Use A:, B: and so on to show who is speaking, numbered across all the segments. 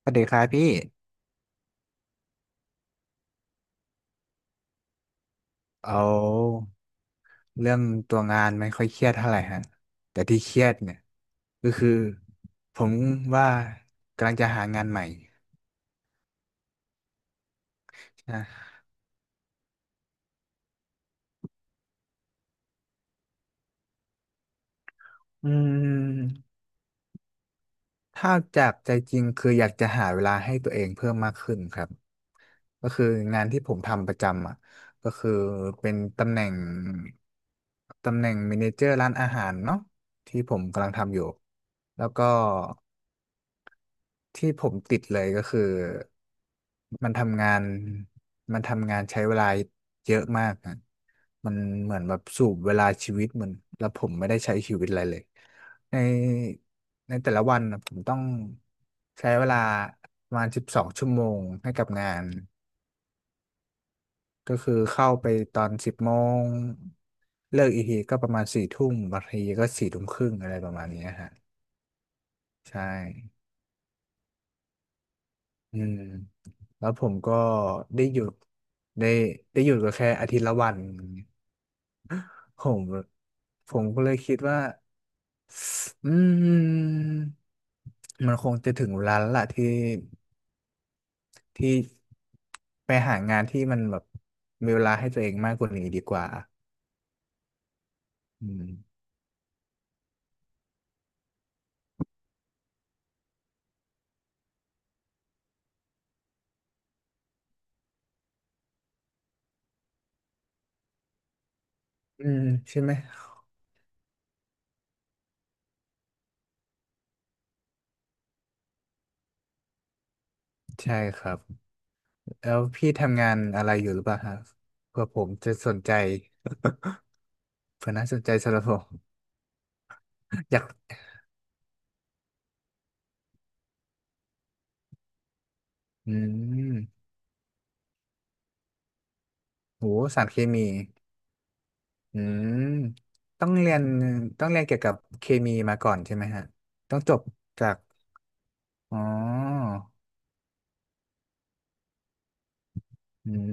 A: สวัสดีครับพี่ เอาเรื่องตัวงานไม่ค่อยเครียดเท่าไหร่ฮะ แต่ที่เครียดเนี่ยก็คือผมว่ากำลังจะหางานใหม่นะอืมถ้าจากใจจริงคืออยากจะหาเวลาให้ตัวเองเพิ่มมากขึ้นครับ ก็คืองานที่ผมทำประจำอ่ะก็คือเป็นตำแหน่งตำแหน่งเมเนเจอร์ร้านอาหารเนาะที่ผมกำลังทำอยู่แล้วก็ ที่ผมติดเลยก็คือมันทำงานมันทำงานใช้เวลาเยอะมากนะมันเหมือนแบบสูบเวลาชีวิตเหมือนแล้วผมไม่ได้ใช้ชีวิตอะไรเลยในในแต่ละวันนะผมต้องใช้เวลาประมาณ12 ชั่วโมงให้กับงานก็คือเข้าไปตอน10 โมงเลิกอีกทีก็ประมาณสี่ทุ่มบางทีก็4 ทุ่มครึ่งอะไรประมาณเนี้ยฮะใช่ อืมแล้วผมก็ได้หยุดได้ได้หยุดก็แค่อาทิตย์ละวันอย่างเงี้ยผมผมก็เลยคิดว่าอืมมันคงจะถึงเวลาแล้วล่ะที่ที่ไปหางานที่มันแบบมีเวลาให้ตัวเองมากกว่านี้ดีกว่าอืมอืมใช่ไหมใช่ครับแล้วพี่ทำงานอะไรอยู่หรือเปล่าครัะเผื่อผมจะสนใจ เผื่อน่าสนใจสำหรับผม อยากอืมโหสารเคมี อืมต้องเรียนต้องเรียนเกี่ยวกับเคมีมาก่อนใช่ไหมฮะต้องจบจากอ๋ออืม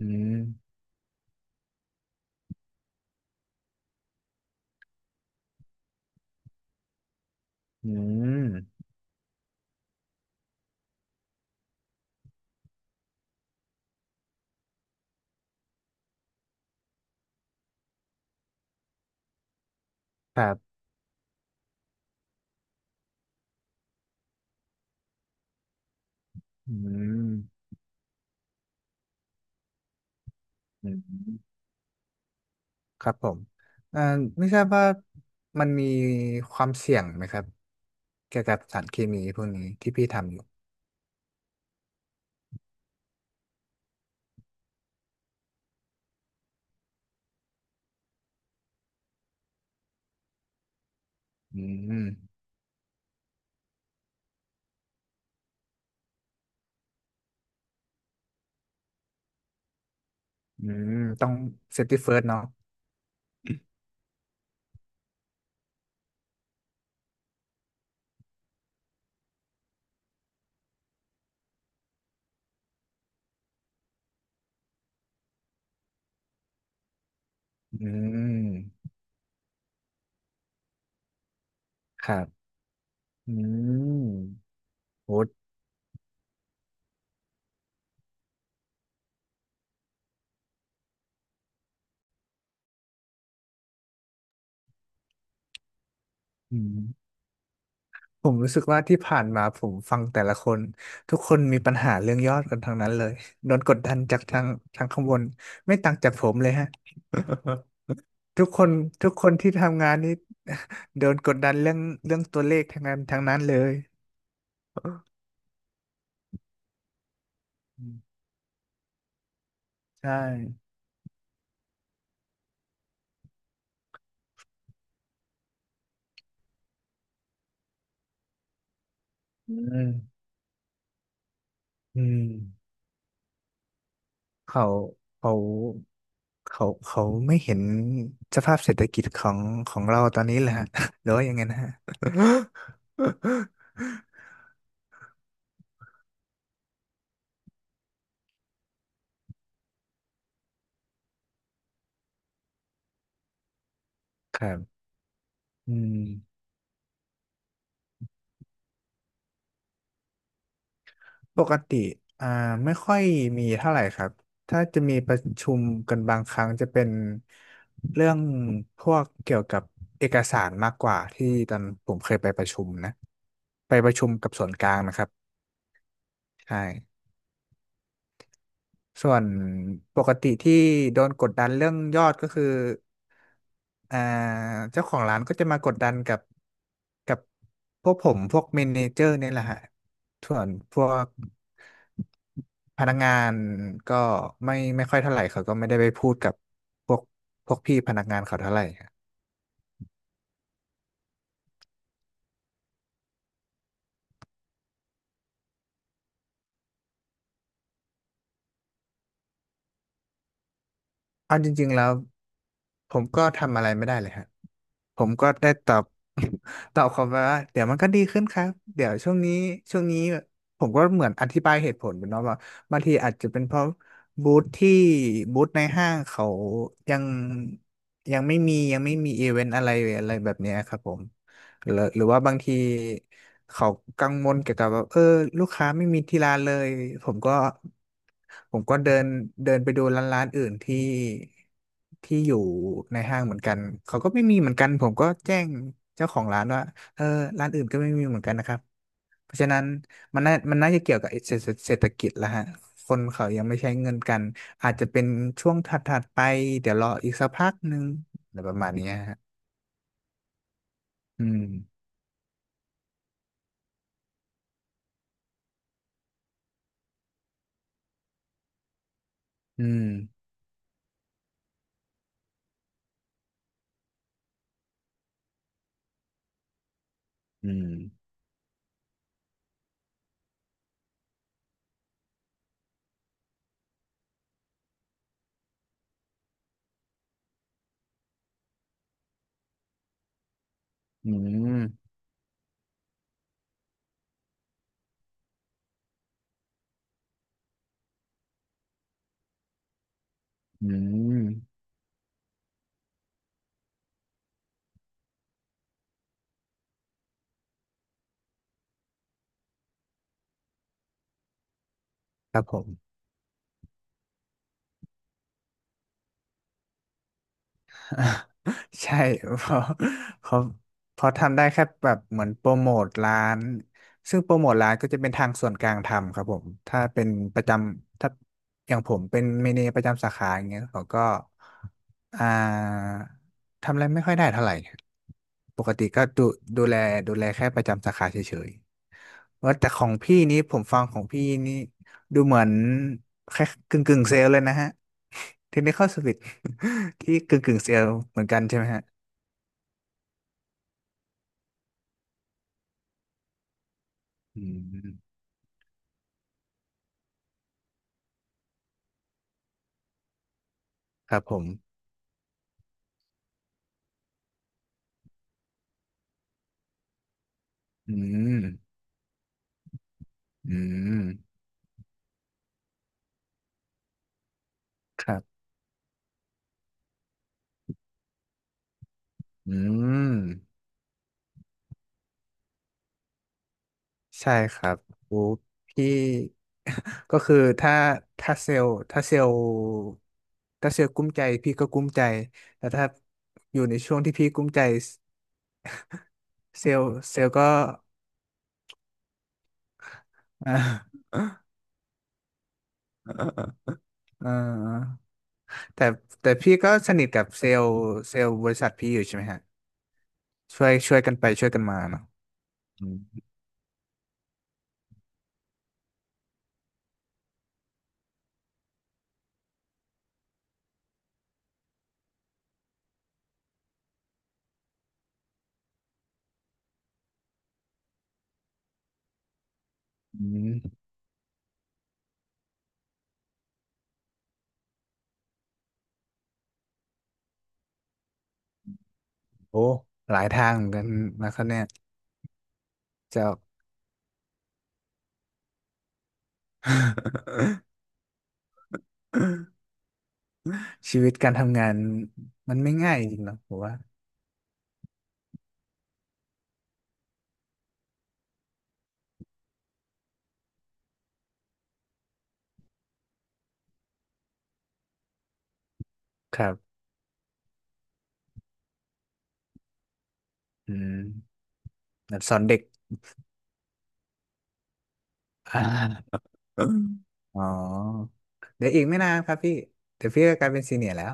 A: อืมอืมครับอืมอืมครับผมเอ่อไม่ทราบว่ามันมีความเสี่ยงไหมครับ เกี่ยวกับสารเคมีพวกนี้ที่พี่ทำอยู่อืมอืมต้องเซฟตี้เฟิร์สเนาะอืมครับอืมโหอืม ผมรู้สึกว่าที่ผ่านมาผมฟังแต่ละคนทุกคนมีปัญหาเรื่องยอดกันทั้งนั้นเลยโดนกดดันจากทางทางข้างบนไม่ต่างจากผมเลยฮะทุกคนทุกคนที่ทำงานนี่ โดนกดดันเรื่องเรื่องตัวเลขทั้งนั้นทั้งนั้นเลยอืมใช่อืมอืมเขาเขาเขาไม่เห็นสภาพเศรษฐกิจของเราตอนนี้แหละฮะ หรือว่ายังไงนะฮะ ครับอืม ปกติอ่าไม่ค่อยมีเท่าไหร่ครับถ้าจะมีประชุมกันบางครั้งจะเป็นเรื่องพวกเกี่ยวกับเอกสารมากกว่าที่ตอนผมเคยไปประชุมนะไปประชุมกับส่วนกลางนะครับใช่ ส่วนปกติที่โดนกดดันเรื่องยอดก็คืออ่าเจ้าของร้านก็จะมากดดันกับพวกผมพวกเมเนเจอร์เนี่ยแหละฮะ ส่วนพวกพนักงานก็ไม่ค่อยเท่าไหร่เขาก็ไม่ได้ไปพูดกับพวกพวกพี่พนักงานเขาเท่าไหร่ครับเอาจริงๆแล้ว ผมก็ทำอะไรไม่ได้เลยฮะผมก็ได้ตอบ ตอบเขาไปว่าเดี๋ยวมันก็ดีขึ้นครับ เดี๋ยวช่วงนี้ช่วงนี้ผมก็เหมือนอธิบายเหตุผลไปเนาะว่าบางทีอาจจะเป็นเพราะบูธที่บูธในห้างเขายังยังไม่มีอีเวนต์อะไรอะไรแบบเนี้ยครับผม หรือว่าบางทีเขากังวลเกี่ยวกับว่าเออลูกค้าไม่มีที่ร้านเลยผมก็ผมก็เดินเดินไปดูร้านอื่นที่ที่อยู่ในห้างเหมือนกันเขาก็ไม่มีเหมือนกันผมก็แจ้งเจ้าของร้านว่าเออร้านอื่นก็ไม่มีเหมือนกันนะครับเพราะฉะนั้นมันน่าจะเกี่ยวกับเศรษฐกิจแล้วฮะคนเขายังไม่ใช้เงินกันอาจจะเป็นช่วงถัดๆไปเดี๋ยวรออีกสักพักหนึ่งอะไรประมาณเนี้ยฮะอืมอืมอืม อืมอืมครับผม ใช่เพราะเพราะเพราะทำได้แค่แบบเหมือนโปรโมทร้านซึ่งโปรโมทร้านก็จะเป็นทางส่วนกลางทำครับผมถ้าเป็นประจำถ้าอย่างผมเป็นเมเนประจำสาขาอย่างเงี้ยเขาก็อ่าทำอะไรไม่ค่อยได้เท่าไหร่ปกติก็ดูแลดูแลแค่ประจำสาขาเฉยๆว่าแต่ของพี่นี้ผมฟังของพี่นี่ดูเหมือนแค่กึ่งกึ่งเซลล์เลยนะฮะ Technical Service ที่กึ่งกึ่งเซแอลเหมือนกันใช่ไหมฮะอืมครับผมอืมอืมครับอืมใช่ครับโอ้พี่ ก็คือถ้าเซลล์ถ้าเซลล์ถ้าเซลล์กุ้มใจพี่ก็กุ้มใจแต่ถ้าอยู่ในช่วงที่พี่กุ้มใจเซลล์ก็ อ่าอ่าแต่แต่พี่ก็สนิทกับเซลล์เซลล์บริษัทพี่อยู่ใช่ไหมฮะ ช่วยกันไปช่วยกันมาเนาะอืมอืมโอ้ หลายทางเหมือนกันนะครับเนี่ยเจ้า ชีวิตการทำงานมันไม่ง่ายจริงๆหรอกผมว่า ครับ อืมแบบสอนเด็ก อ่าอ๋อ เดี๋ยวอีกไม่นานครับพี่เดี๋ยวพี่ก็กลายเป็นซีเนียร์แล้ว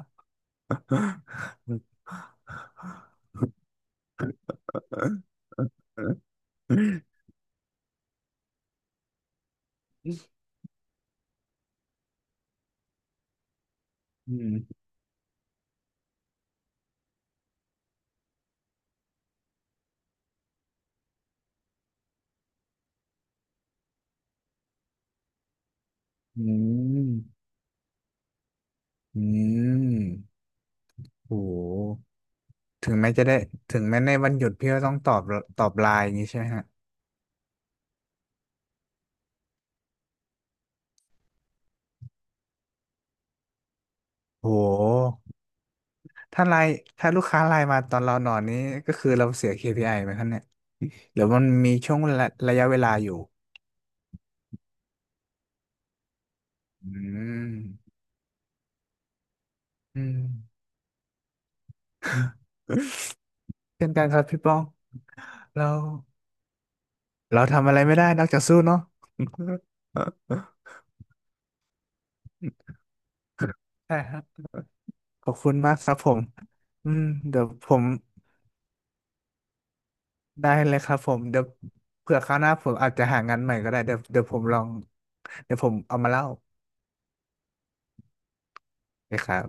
A: อืมอืมอืมโห ถึงแม้จะได้ถึงแม้ในวันหยุดพี่ก็ต้องตอบไลน์อย่างนี้ใช่ไหมฮะโหถ้าไลน์ถ้าลูกค้าไลน์มาตอนเรานอนนี้ก็คือเราเสีย KPI ไอไหมครับเนี่ยหรือมันมีช่วงระยะเวลาอยู่อืมอืมเช่นกันครับพี่ป้องเราเราทำอะไรไม่ได้นอกจากสู้เนาะใช่ครับขอบคุณมากครับผมอืมเดี๋ยวผมได้เลยครับผมเดี๋ยวเผื่อคราวหน้าผมอาจจะหางานใหม่ก็ได้เดี๋ยวผมลองเดี๋ยวผมเอามาเล่า นะครับ